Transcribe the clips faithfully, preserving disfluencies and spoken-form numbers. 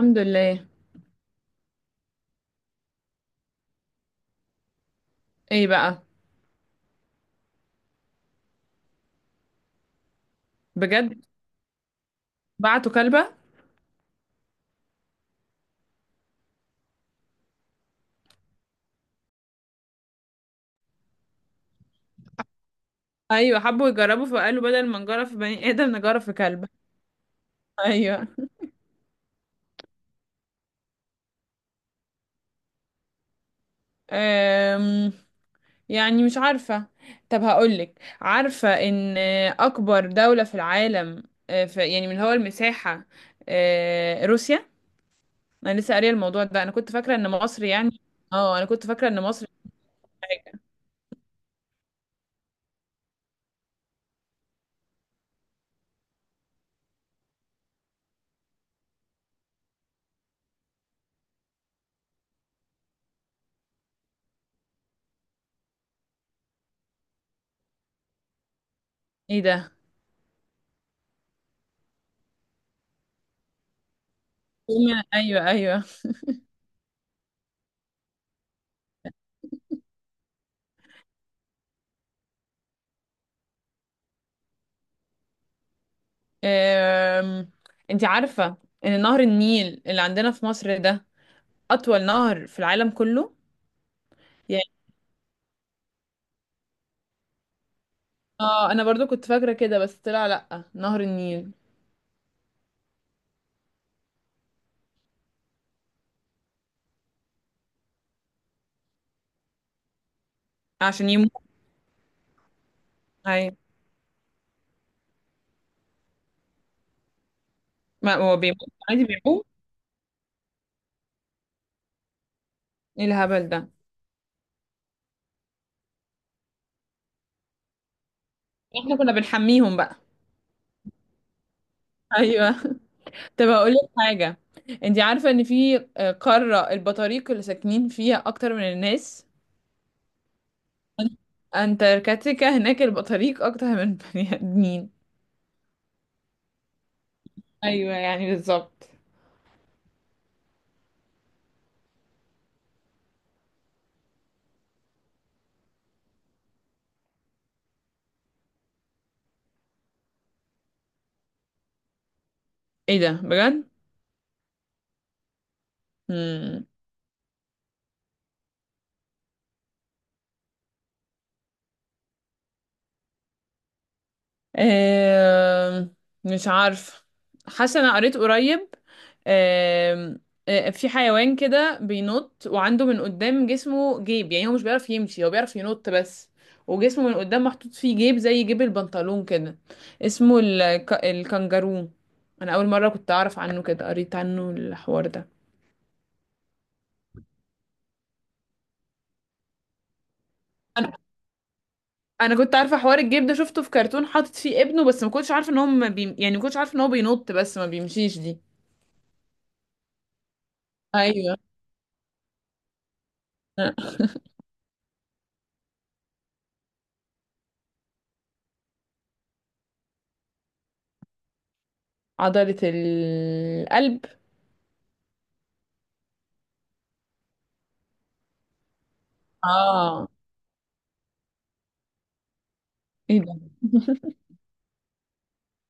الحمد لله. ايه بقى؟ بجد؟ بعتوا كلبة؟ ايوه، حبوا يجربوا فقالوا بدل ما نجرب في بني ادم نجرب في كلبة. ايوه. أم... يعني مش عارفة. طب هقولك، عارفة ان اكبر دولة في العالم، آه، في يعني من هو المساحة، آه، روسيا. انا لسه قارية الموضوع ده، انا كنت فاكرة ان مصر يعني، اه انا كنت فاكرة ان مصر حاجة. ايه ده؟ هما- ايوه، ايوه. أم... انت عارفة ان نهر النيل اللي عندنا في مصر ده اطول نهر في العالم كله يعني. اه، انا برضو كنت فاكره كده بس طلع لا، نهر النيل. عشان يموت. اي. ما هو بيموت عادي بيموت. ايه الهبل ده؟ احنا كنا بنحميهم بقى. ايوه. طب هقول لك حاجه. انت عارفه ان في آه، قاره البطاريق اللي ساكنين فيها اكتر من الناس. أن- انتاركتيكا، هناك البطاريق اكتر من البني ادمين. ايوه، يعني بالظبط. ايه ده بجد؟ مم. آم، مش عارف. حاسه انا قريت قريب. آم، آه، في حيوان كده بينط، وعنده من قدام جسمه جيب، يعني هو مش بيعرف يمشي، هو بيعرف ينط بس. وجسمه من قدام محطوط فيه جيب زي جيب البنطلون كده. اسمه الك... الكنجارو. انا اول مره كنت اعرف عنه كده، قريت عنه الحوار ده. انا أنا كنت عارفه حوار الجيب ده، شفته في كرتون حاطط فيه ابنه، بس ما كنتش عارفه ان هو ما بي... يعني ما كنتش عارفه ان هو بينط بس ما بيمشيش دي. ايوه، عضلة القلب. اه، ايه ده؟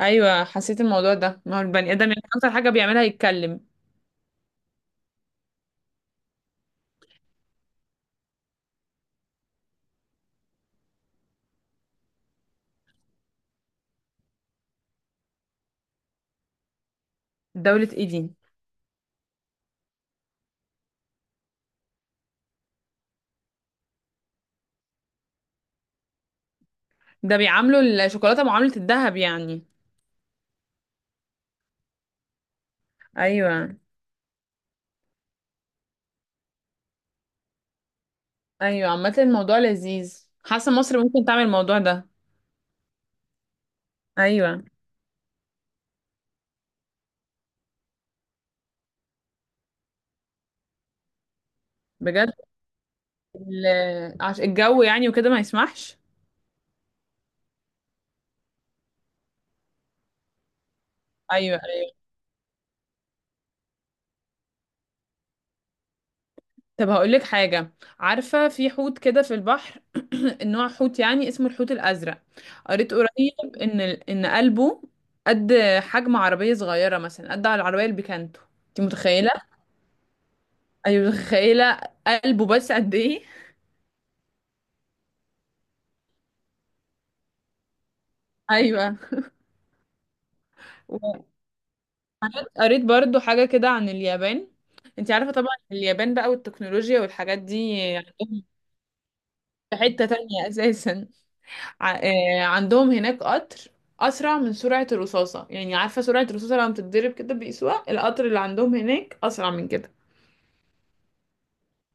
ايوه، حسيت الموضوع ده، ما هو البني ادم يعني اكتر حاجة بيعملها يتكلم. دولة ايه دي؟ ده بيعاملوا الشوكولاتة معاملة الذهب يعني؟ ايوه، ايوه. عامة الموضوع لذيذ، حاسة مصر ممكن تعمل الموضوع ده. ايوه، بجد؟ ال- عش- الجو يعني وكده ما يسمحش. ايوه، ايوه. طب هقول لك حاجة. عارفة في حوت كده في البحر، النوع حوت يعني، اسمه الحوت الأزرق. قريت قريب إن إن قلبه قد حجم عربية صغيرة، مثلا قد على العربية البيكانتو. انت متخيلة؟ أيوة، متخيلة. قلبه بس قد إيه؟ أيوة. وقريت برضو حاجة كده عن اليابان. انت عارفة طبعا اليابان بقى والتكنولوجيا والحاجات دي عندهم. في حتة تانية أساسا. ع- آه، عندهم هناك قطر أسرع من سرعة الرصاصة. يعني عارفة سرعة الرصاصة لما بتتضرب كده بيقيسوها، القطر اللي عندهم هناك أسرع من كده.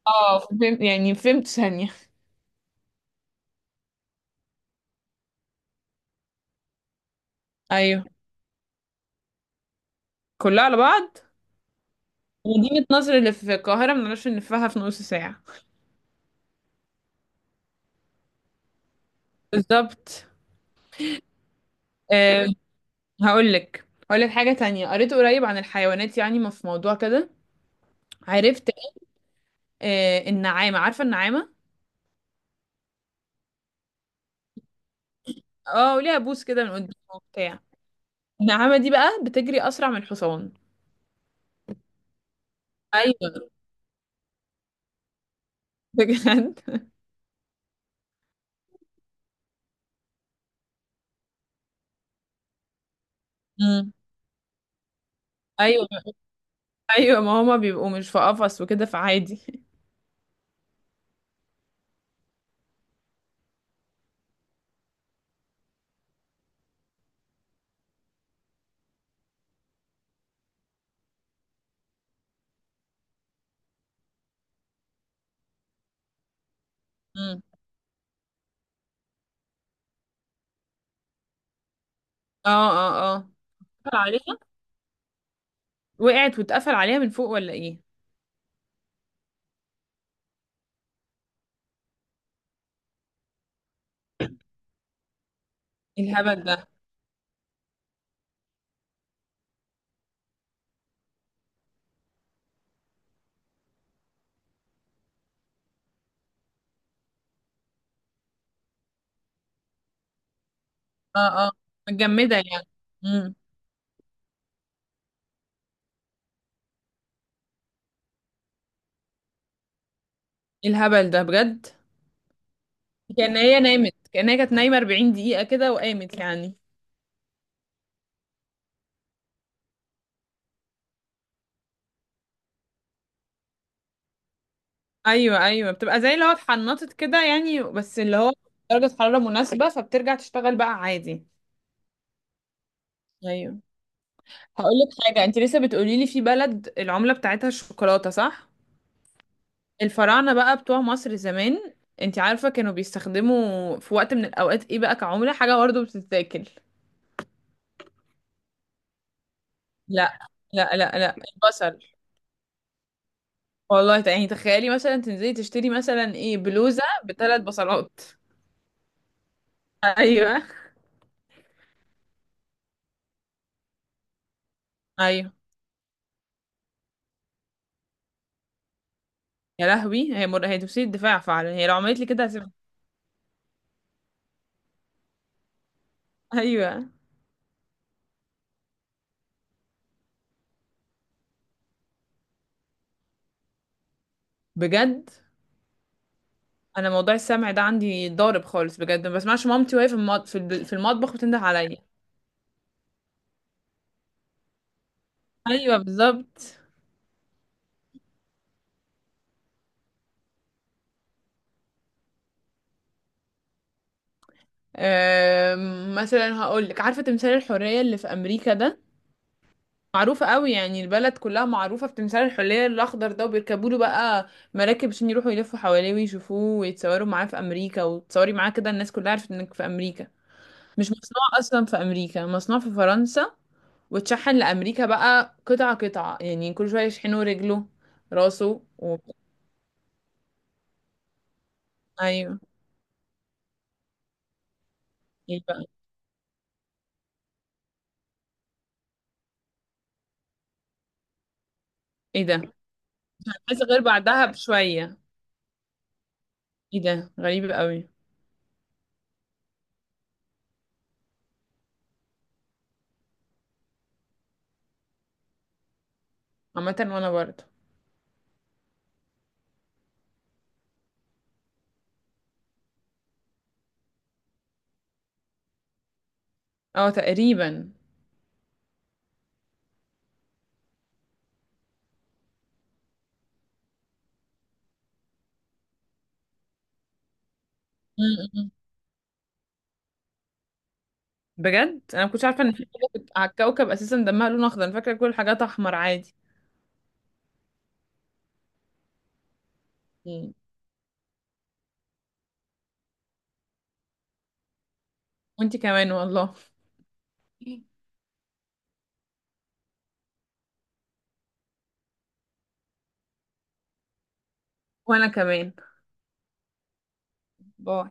اه، فهمت يعني، فهمت ثانية. ايوه، كلها على بعض. مدينة نصر اللي في القاهرة منعرفش نلفها في نص ساعة. بالظبط. أه. هقول لك اقول لك حاجة تانية. قريت قريب عن الحيوانات يعني، ما في موضوع كده. عرفت. آه النعامة، عارفة النعامة؟ اه، وليها بوس كده من قدام وبتاع. النعامة دي بقى بتجري اسرع من الحصان. ايوه، بجد. امم. ايوه، ايوه، ما هما بيبقوا مش في قفص وكده فعادي. امم. اه، اه. اه، وقعت واتقفل عليها من فوق ولا ايه؟ إيه الهبل ده؟ اه، اه، متجمدة يعني. امم. إيه الهبل ده بجد! كأن هي نامت كأن هي كانت نايمة اربعين دقيقة كده وقامت يعني. ايوه، ايوه، بتبقى زي اللي هو اتحنطت كده يعني، بس اللي هو درجة حرارة مناسبة فبترجع تشتغل بقى عادي. ايوه. هقول لك حاجة. انت لسه بتقولي لي في بلد العملة بتاعتها الشوكولاتة، صح؟ الفراعنة بقى بتوع مصر زمان، انت عارفة كانوا بيستخدموا في وقت من الاوقات ايه بقى كعملة؟ حاجة برضه بتتاكل. لا، لا، لا، لا، البصل. والله، ت- يعني تخيلي مثلا تنزلي تشتري مثلا ايه، بلوزة بثلاث بصلات. ايوه، ايوه. يا لهوي! هي مر... هي تفسير الدفاع فعلا، هي لو عملت لي كده هسيبها. ايوه، بجد. انا موضوع السمع ده عندي ضارب خالص بجد، ما بسمعش مامتي وهي في المط... في الب- في المطبخ بتنده عليا. ايوه، بالظبط. أم... مثلا هقول لك، عارفة تمثال الحرية اللي في امريكا ده؟ معروفة قوي يعني، البلد كلها معروفة بتمثال الحلية الأخضر ده، وبيركبوا له بقى مراكب عشان يروحوا يلفوا حواليه ويشوفوه ويتصوروا معاه في أمريكا، وتصوري معاه كده الناس كلها عرفت إنك في أمريكا. مش مصنوع أصلا في أمريكا، مصنوع في فرنسا وتشحن لأمريكا بقى قطعة قطعة، يعني كل شوية يشحنوا رجله، راسه و... أيوه. ايه بقى؟ ايه ده؟ عايزة غير بعدها بشوية. ايه ده غريب قوي. عامة وأنا برضه. اه، تقريبا. إمم، إمم. بجد انا ما كنتش عارفه ان في حاجه على الكوكب اساسا دمها لون اخضر، انا فاكره كل الحاجات احمر عادي. مم. وانتي كمان والله. وانا كمان. باي.